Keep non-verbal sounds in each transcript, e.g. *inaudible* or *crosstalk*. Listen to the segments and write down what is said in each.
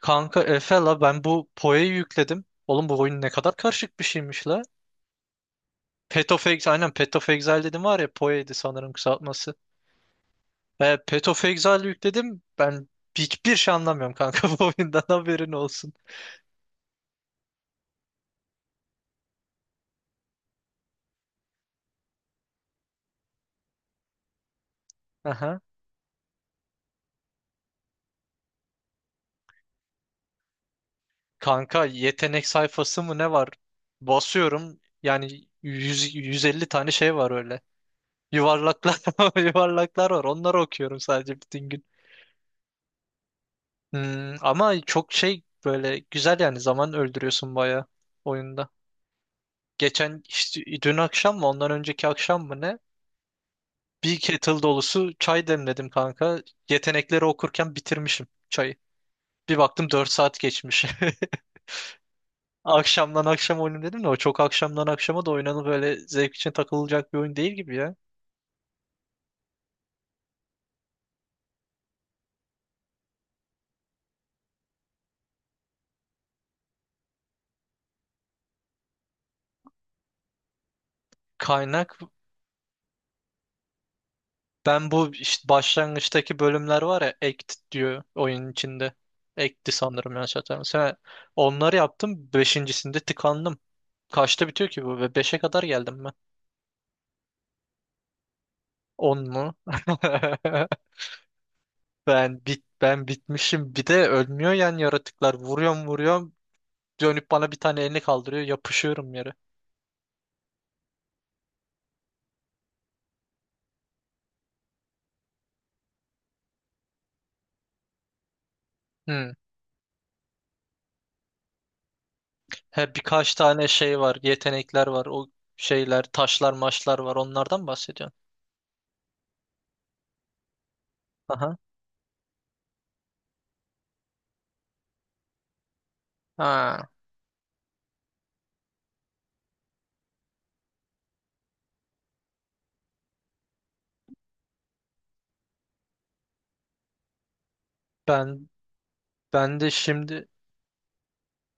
Kanka Efe la ben bu Poe'yi yükledim. Oğlum bu oyun ne kadar karışık bir şeymiş la. Path of Exile, aynen Path of Exile dedim var ya Poe'ydi sanırım kısaltması. Path of Exile yükledim. Ben hiçbir şey anlamıyorum kanka *laughs* bu oyundan haberin olsun. Aha. Kanka yetenek sayfası mı ne var? Basıyorum yani 100, 150 tane şey var öyle. Yuvarlaklar *laughs* yuvarlaklar var onları okuyorum sadece bütün gün. Hmm, ama çok şey böyle güzel yani zaman öldürüyorsun bayağı oyunda. Geçen işte dün akşam mı ondan önceki akşam mı ne? Bir kettle dolusu çay demledim kanka. Yetenekleri okurken bitirmişim çayı. Bir baktım 4 saat geçmiş. *laughs* Akşamdan akşam oyunu dedim de o çok akşamdan akşama da oynanıp böyle zevk için takılacak bir oyun değil gibi ya. Kaynak ben bu işte başlangıçtaki bölümler var ya act diyor oyunun içinde. Act'ti sanırım yanlış hatırlamıyorsam. Ha, onları yaptım. Beşincisinde tıkandım. Kaçta bitiyor ki bu? Ve beşe kadar geldim. 10 mu? *laughs* Ben bitmişim. Bir de ölmüyor yani yaratıklar. Vuruyorum vuruyorum. Dönüp bana bir tane elini kaldırıyor. Yapışıyorum yere. Hmm. He, birkaç tane şey var. Yetenekler var. Şeyler, taşlar, maçlar var. Onlardan bahsediyorsun. Aha. Ha. Ben ben de şimdi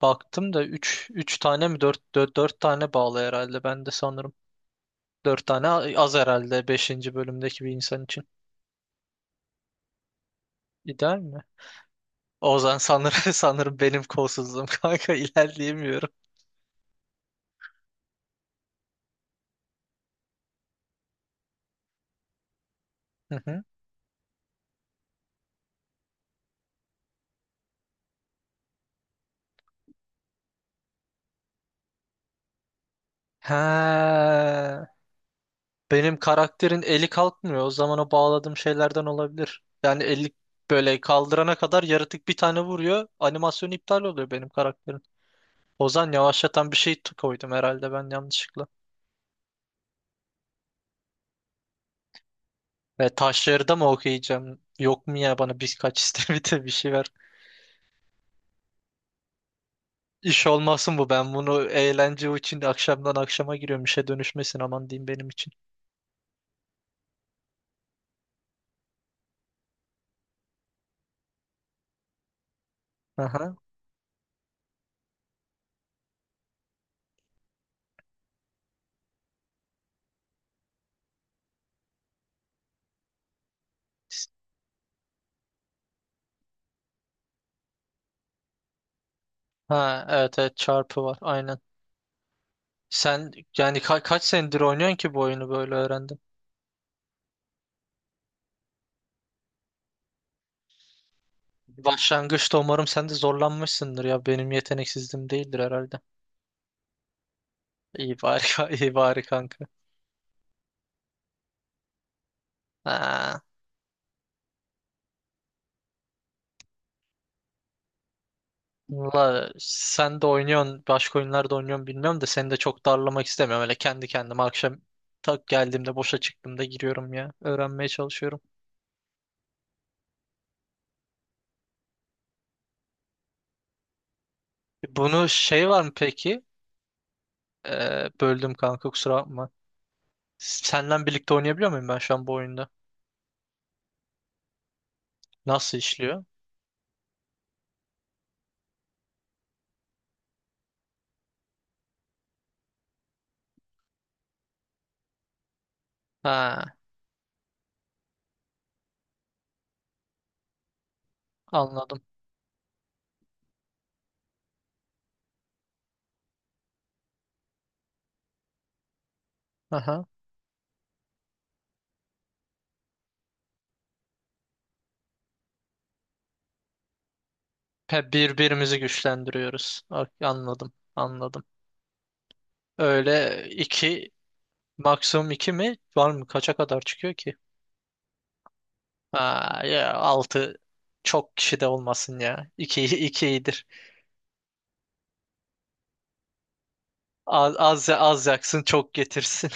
baktım da üç tane mi dört tane bağlı herhalde. Ben de sanırım dört tane az herhalde beşinci bölümdeki bir insan için. İdeal mi? Ozan sanırım, *laughs* sanırım benim kolsuzluğum kanka ilerleyemiyorum. Hı hı. Ha, benim karakterin eli kalkmıyor. O zaman o bağladığım şeylerden olabilir. Yani eli böyle kaldırana kadar yaratık bir tane vuruyor. Animasyon iptal oluyor benim karakterin. Ozan yavaşlatan bir şey koydum herhalde ben yanlışlıkla. Ve taşları da mı okuyacağım? Yok mu ya bana birkaç istemite *laughs* bir şey ver. İş olmasın bu ben bunu eğlence için akşamdan akşama giriyorum işe dönüşmesin aman diyeyim benim için. Aha. Ha, evet evet çarpı var aynen. Sen yani kaç senedir oynuyorsun ki bu oyunu böyle öğrendin? Başlangıçta umarım sen de zorlanmışsındır ya benim yeteneksizliğim değildir herhalde. İyi bari *laughs* iyi bari kanka. Ha. Valla sen de oynuyorsun başka oyunlarda oynuyorsun bilmiyorum da seni de çok darlamak istemiyorum. Öyle kendi kendime akşam tak geldiğimde boşa çıktığımda giriyorum ya öğrenmeye çalışıyorum. Bunu şey var mı peki? Böldüm kanka kusura bakma. Senden birlikte oynayabiliyor muyum ben şu an bu oyunda? Nasıl işliyor? Ha, anladım. Aha. He, birbirimizi güçlendiriyoruz. Ok, anladım, anladım. Öyle iki, maksimum iki mi? Var mı? Kaça kadar çıkıyor ki? Ha, ya altı çok kişi de olmasın ya. İki, iki iyidir. Az, az, az yaksın, çok getirsin.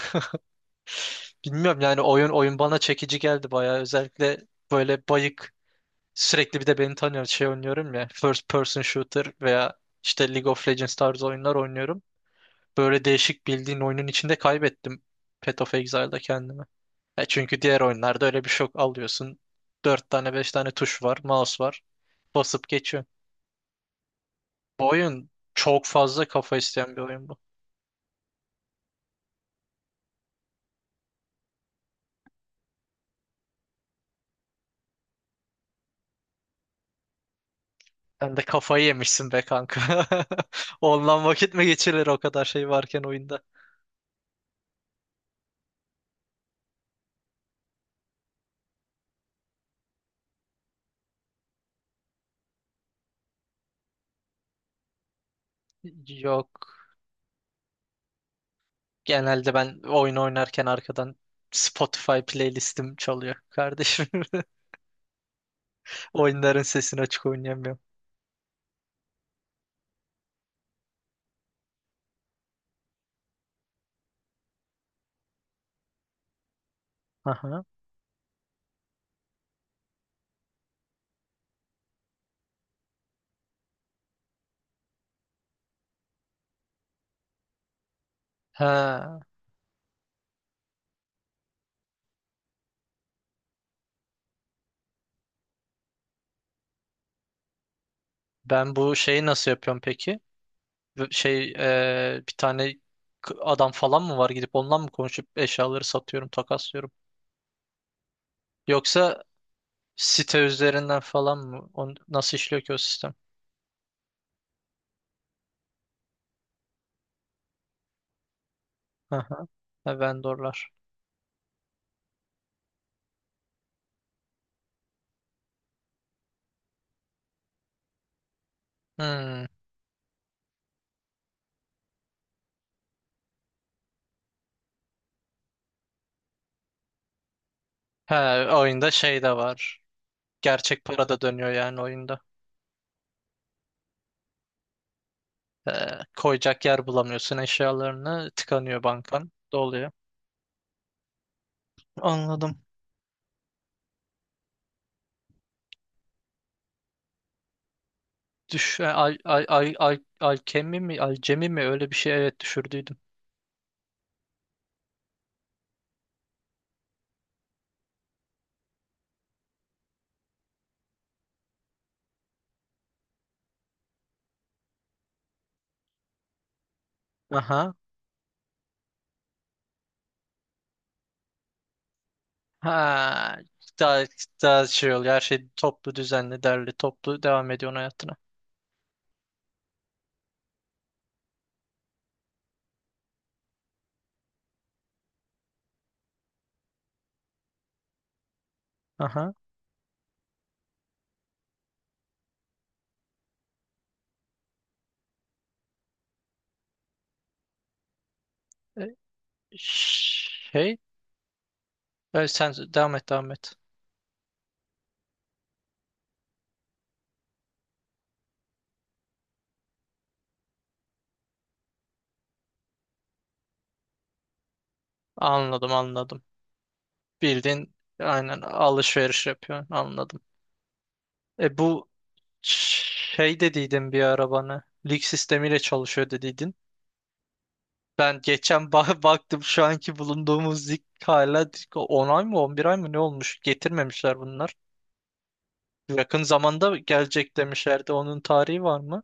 *laughs* Bilmiyorum yani oyun oyun bana çekici geldi bayağı. Özellikle böyle bayık sürekli bir de beni tanıyor şey oynuyorum ya. First person shooter veya işte League of Legends tarzı oyunlar oynuyorum. Böyle değişik bildiğin oyunun içinde kaybettim Path of Exile'da kendimi. Ya çünkü diğer oyunlarda öyle bir şok alıyorsun. 4 tane 5 tane tuş var, mouse var. Basıp geçiyorsun. Bu oyun çok fazla kafa isteyen bir oyun bu. Sen de kafayı yemişsin be kanka. *laughs* Ondan vakit mi geçirilir o kadar şey varken oyunda? Yok. Genelde ben oyun oynarken arkadan Spotify playlistim çalıyor kardeşim. *laughs* Oyunların sesini açık oynayamıyorum. Aha. Ha. Ben bu şeyi nasıl yapıyorum peki? Şey bir tane adam falan mı var gidip ondan mı konuşup eşyaları satıyorum, takaslıyorum? Yoksa site üzerinden falan mı? Nasıl işliyor ki o sistem? Hı hı. Ha, vendorlar. Hmm. He, oyunda şey de var. Gerçek para da dönüyor yani oyunda. He, koyacak yer bulamıyorsun eşyalarını. Tıkanıyor bankan. Doluyor. Anladım. Düş, e, al, al, al, al, alkemi mi? Alcemi mi? Öyle bir şey evet düşürdüydüm. Aha. Ha, daha, daha şey oluyor. Her şey toplu, düzenli, derli, toplu devam ediyorsun hayatına. Aha. E, Şey, sen devam et, devam et. Anladım, anladım. Bildiğin aynen alışveriş yapıyorsun. Anladım. Bu şey dediydin bir arabana. Lig sistemiyle çalışıyor dediydin. Ben geçen *laughs* baktım şu anki bulunduğumuz lig hala 10 ay mı 11 ay mı ne olmuş? Getirmemişler bunlar. Yakın zamanda gelecek demişlerdi. Onun tarihi var mı?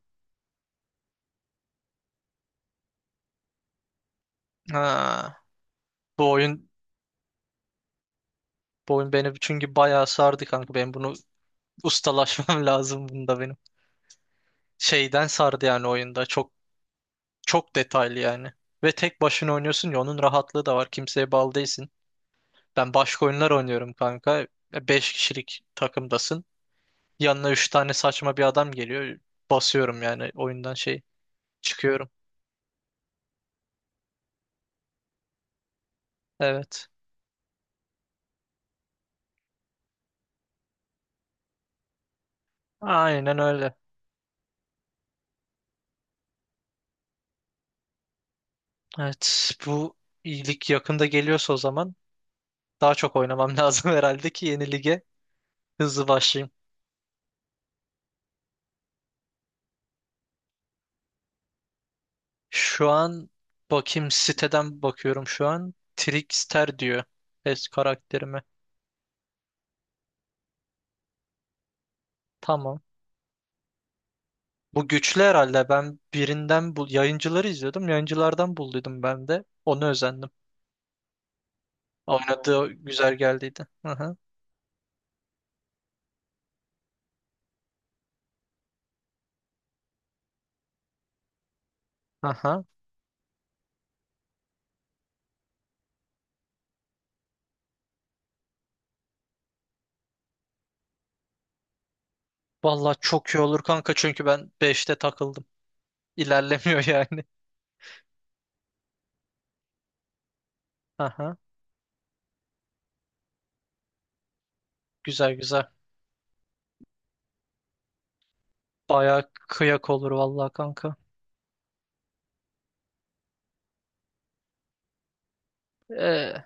Ha, bu oyun bu oyun beni çünkü bayağı sardı kanka. Ben bunu ustalaşmam *laughs* lazım bunda benim. Şeyden sardı yani oyunda. Çok çok detaylı yani. Ve tek başına oynuyorsun ya onun rahatlığı da var. Kimseye bağlı değilsin. Ben başka oyunlar oynuyorum kanka. 5 kişilik takımdasın. Yanına 3 tane saçma bir adam geliyor. Basıyorum yani oyundan şey çıkıyorum. Evet. Aynen öyle. Evet bu iyilik yakında geliyorsa o zaman daha çok oynamam *laughs* lazım herhalde ki yeni lige. Hızlı başlayayım. Şu an bakayım siteden bakıyorum şu an. Trickster diyor karakterime. Tamam. Bu güçlü herhalde. Ben birinden bu yayıncıları izliyordum. Yayıncılardan bulduydum ben de. Onu özendim. Oynadığı güzel geldiydi. Aha. Aha. Vallahi çok iyi olur kanka çünkü ben beşte takıldım. İlerlemiyor *laughs* yani. Aha. Güzel güzel. Baya kıyak olur vallahi kanka. Ee,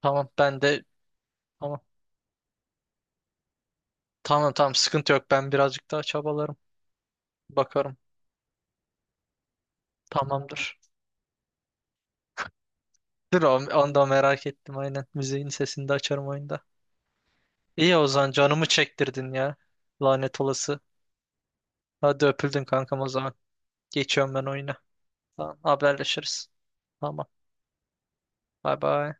tamam ben de tamam. Tamam tamam sıkıntı yok. Ben birazcık daha çabalarım. Bakarım. Tamamdır. Dur onu da merak ettim aynen. Müziğin sesini de açarım oyunda. İyi Ozan canımı çektirdin ya. Lanet olası. Hadi öpüldün kankam o zaman. Geçiyorum ben oyuna. Tamam haberleşiriz. Tamam. Bay bay.